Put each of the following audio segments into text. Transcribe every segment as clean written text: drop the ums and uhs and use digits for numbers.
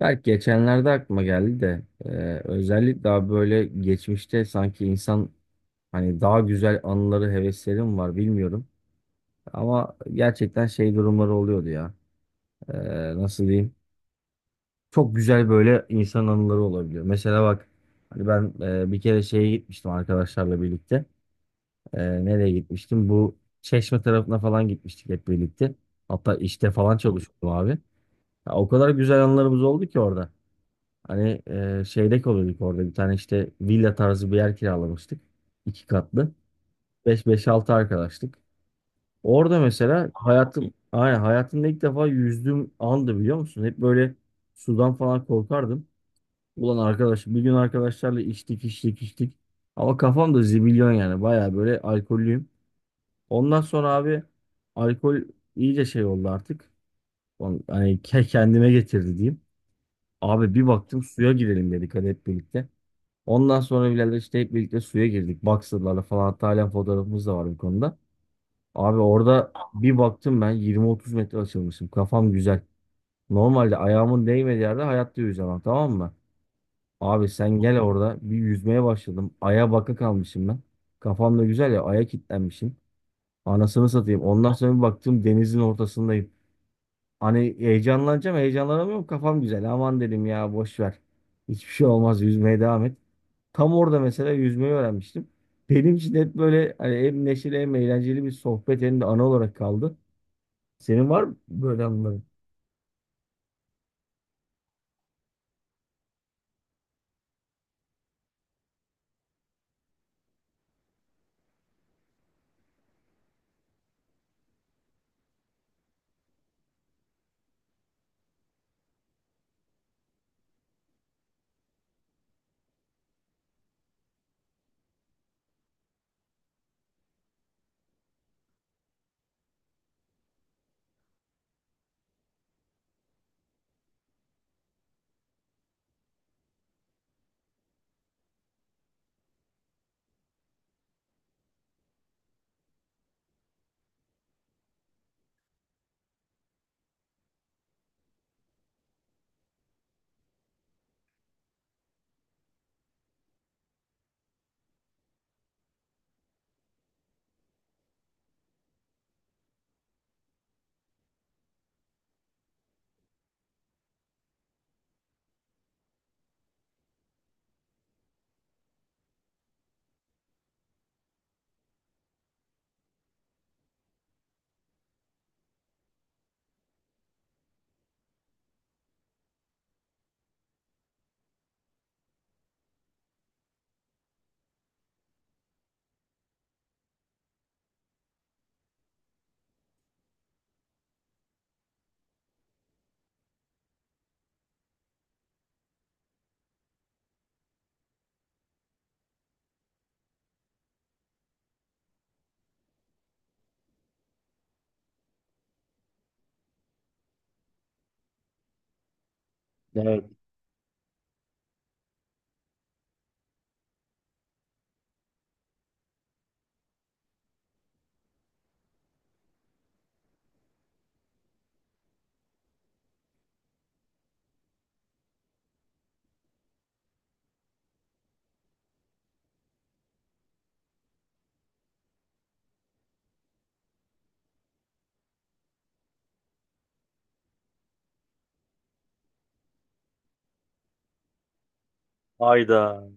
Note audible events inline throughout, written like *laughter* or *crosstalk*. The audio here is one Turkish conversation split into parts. Belki geçenlerde aklıma geldi de özellikle daha böyle geçmişte sanki insan hani daha güzel anıları hevesleri mi var bilmiyorum. Ama gerçekten şey durumları oluyordu ya. E, Nasıl diyeyim? Çok güzel böyle insan anıları olabiliyor. Mesela bak hani ben bir kere şeye gitmiştim arkadaşlarla birlikte. Nereye gitmiştim? Bu Çeşme tarafına falan gitmiştik hep birlikte. Hatta işte falan çalışıyordum abi. Ya o kadar güzel anılarımız oldu ki orada. Hani şeyde kalıyorduk orada bir tane işte villa tarzı bir yer kiralamıştık. İki katlı. Beş altı arkadaştık. Orada mesela hayatım aynen hayatımda ilk defa yüzdüğüm andı biliyor musun? Hep böyle sudan falan korkardım. Ulan arkadaş bir gün arkadaşlarla içtik içtik içtik. Ama kafam da zibilyon yani baya böyle alkollüyüm. Ondan sonra abi alkol iyice şey oldu artık. Kendime getirdi diyeyim. Abi bir baktım suya girelim dedik hadi hep birlikte. Ondan sonra birader işte hep birlikte suya girdik. Boxer'larla falan hatta halen fotoğrafımız da var bu konuda. Abi orada bir baktım ben 20-30 metre açılmışım. Kafam güzel. Normalde ayağımın değmediği yerde hayatta yüzemem, tamam mı? Abi sen gel orada bir yüzmeye başladım. Aya baka kalmışım ben. Kafam da güzel ya, aya kilitlenmişim. Anasını satayım. Ondan sonra bir baktım denizin ortasındayım. Hani heyecanlanacağım heyecanlanamıyorum kafam güzel. Aman dedim ya boş ver. Hiçbir şey olmaz yüzmeye devam et. Tam orada mesela yüzmeyi öğrenmiştim. Benim için hep böyle hani hem neşeli hem eğlenceli bir sohbet hem de ana olarak kaldı. Senin var mı böyle anıların? Evet. Hayda.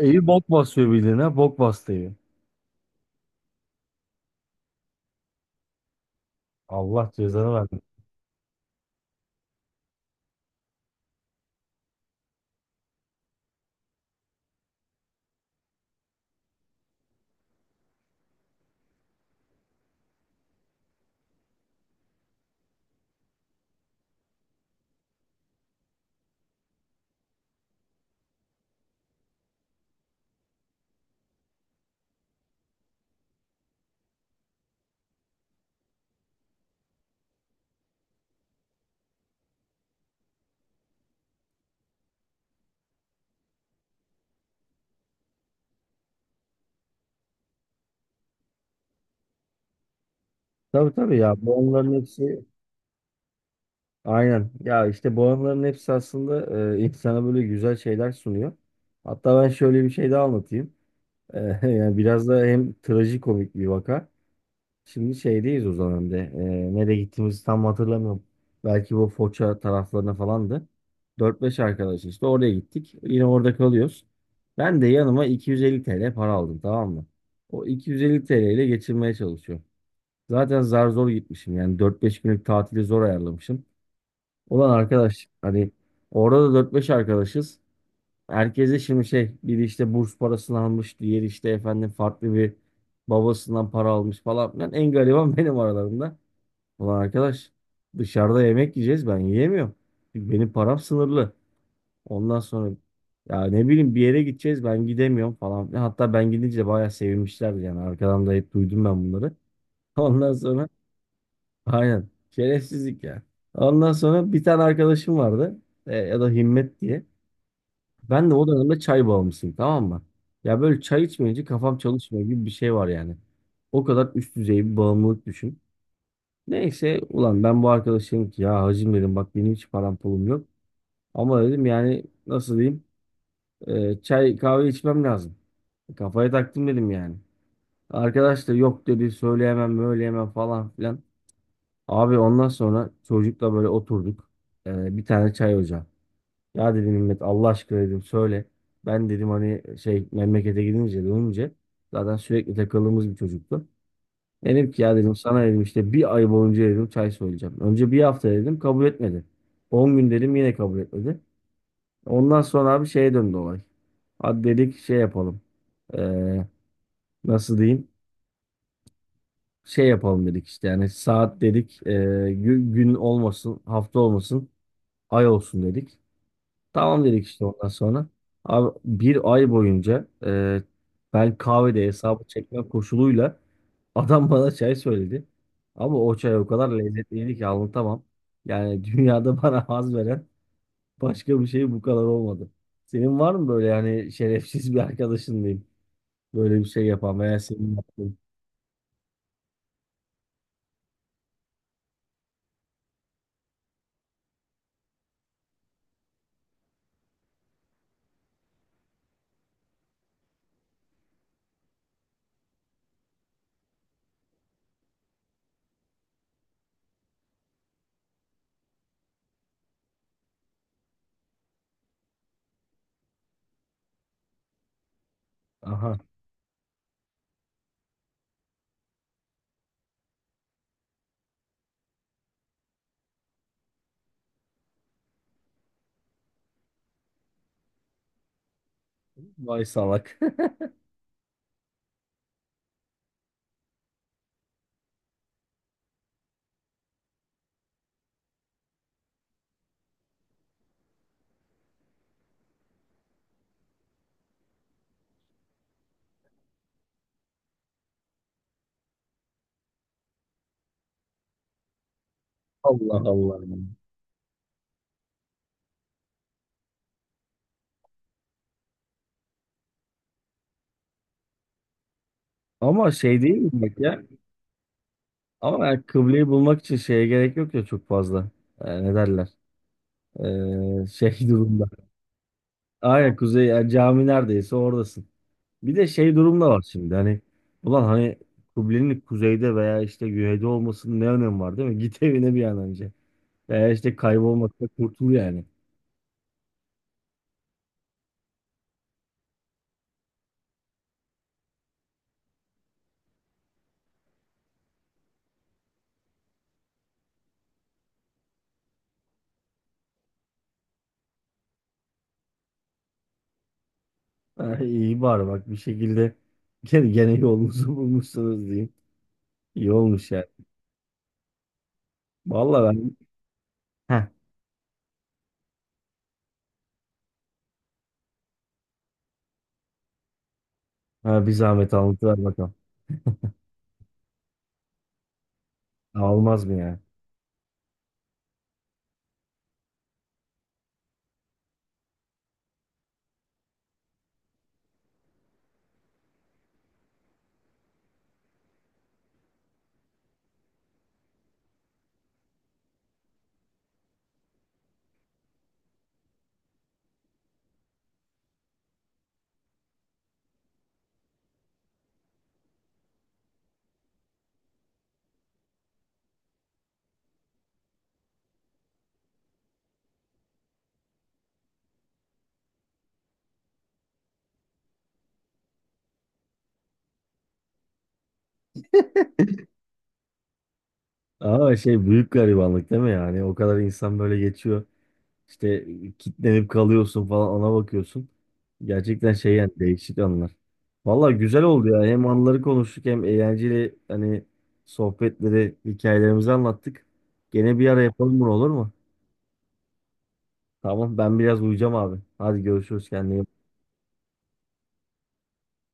Evi bok basıyor bildiğin, ha. Bok bastı evi. Allah cezanı versin. Tabii tabii ya, bu anıların hepsi aynen. Ya işte bu anıların hepsi aslında insana böyle güzel şeyler sunuyor. Hatta ben şöyle bir şey daha anlatayım. E, *laughs* yani biraz da hem trajikomik bir vaka. Şimdi şeydeyiz o zaman bir de. Nereye gittiğimizi tam hatırlamıyorum. Belki bu Foça taraflarına falandı. Dört beş arkadaş işte oraya gittik. Yine orada kalıyoruz. Ben de yanıma 250 TL para aldım, tamam mı? O 250 TL ile geçirmeye çalışıyorum. Zaten zar zor gitmişim yani dört beş günlük tatili zor ayarlamışım. Ulan arkadaş hani orada da 4-5 arkadaşız. Herkese şimdi şey, biri işte burs parasını almış, diğeri işte efendim farklı bir babasından para almış falan filan. En gariban *laughs* benim aralarında. Ulan arkadaş dışarıda yemek yiyeceğiz ben yiyemiyorum. Çünkü benim param sınırlı. Ondan sonra ya ne bileyim bir yere gideceğiz ben gidemiyorum falan filan. Hatta ben gidince de bayağı sevinmişlerdi yani arkadan da hep duydum ben bunları. *laughs* Ondan sonra aynen şerefsizlik ya. Ondan sonra bir tane arkadaşım vardı, ya da Himmet diye. Ben de o dönemde çay bağımlısıyım, tamam mı? Ya böyle çay içmeyince kafam çalışmıyor gibi bir şey var yani. O kadar üst düzey bir bağımlılık düşün. Neyse ulan ben bu arkadaşım ki ya, hacım dedim, bak benim hiç param pulum yok. Ama dedim yani nasıl diyeyim, çay kahve içmem lazım. Kafaya taktım dedim yani. Arkadaş da yok dedi, söyleyemem söyleyemem falan filan. Abi ondan sonra çocukla böyle oturduk. Bir tane çay ocağı. Ya dedim Mehmet, Allah aşkına dedim, söyle. Ben dedim hani şey memlekete gidince dönünce, zaten sürekli takıldığımız bir çocuktu. Dedim ki ya dedim, sana dedim işte bir ay boyunca dedim çay söyleyeceğim. Önce bir hafta dedim, kabul etmedi. 10 gün dedim, yine kabul etmedi. Ondan sonra abi şeye döndü olay. Hadi dedik şey yapalım. Ee, Nasıl diyeyim? Şey yapalım dedik işte yani saat dedik. Gün olmasın hafta olmasın ay olsun dedik. Tamam dedik işte ondan sonra. Abi bir ay boyunca ben kahvede hesabı çekme koşuluyla adam bana çay söyledi. Ama o çay o kadar lezzetliydi ki anlatamam. Yani *laughs* dünyada bana haz veren başka bir şey bu kadar olmadı. Senin var mı böyle yani şerefsiz bir arkadaşın diyeyim. Böyle bir şey yapan veya senin yaptığın. Aha, vay salak. *laughs* Allah Allah. Ama şey değil mi demek ya? Ama yani kıbleyi bulmak için şeye gerek yok ya çok fazla. Ne derler? Şey *laughs* durumda. Aynen kuzey yani cami neredeyse oradasın. Bir de şey durumda var şimdi hani ulan hani kıblenin kuzeyde veya işte güneyde olmasının ne önemi var değil mi? *laughs* Git evine bir an önce. Veya işte kaybolmakta kurtul yani. Ha, iyi bari bak bir şekilde *laughs* gene yolunuzu *laughs* bulmuşsunuz diyeyim. İyi olmuş yani. Vallahi ben, heh, ha, bir zahmet anlatıver bakalım. Almaz mı yani? Ama şey büyük garibanlık değil mi yani? O kadar insan böyle geçiyor. İşte kitlenip kalıyorsun falan ona bakıyorsun. Gerçekten şey yani değişik anlar. Valla güzel oldu ya. Hem anıları konuştuk hem eğlenceli hani sohbetleri, hikayelerimizi anlattık. Gene bir ara yapalım bunu, olur mu? Tamam ben biraz uyuyacağım abi. Hadi görüşürüz, kendine iyi bak.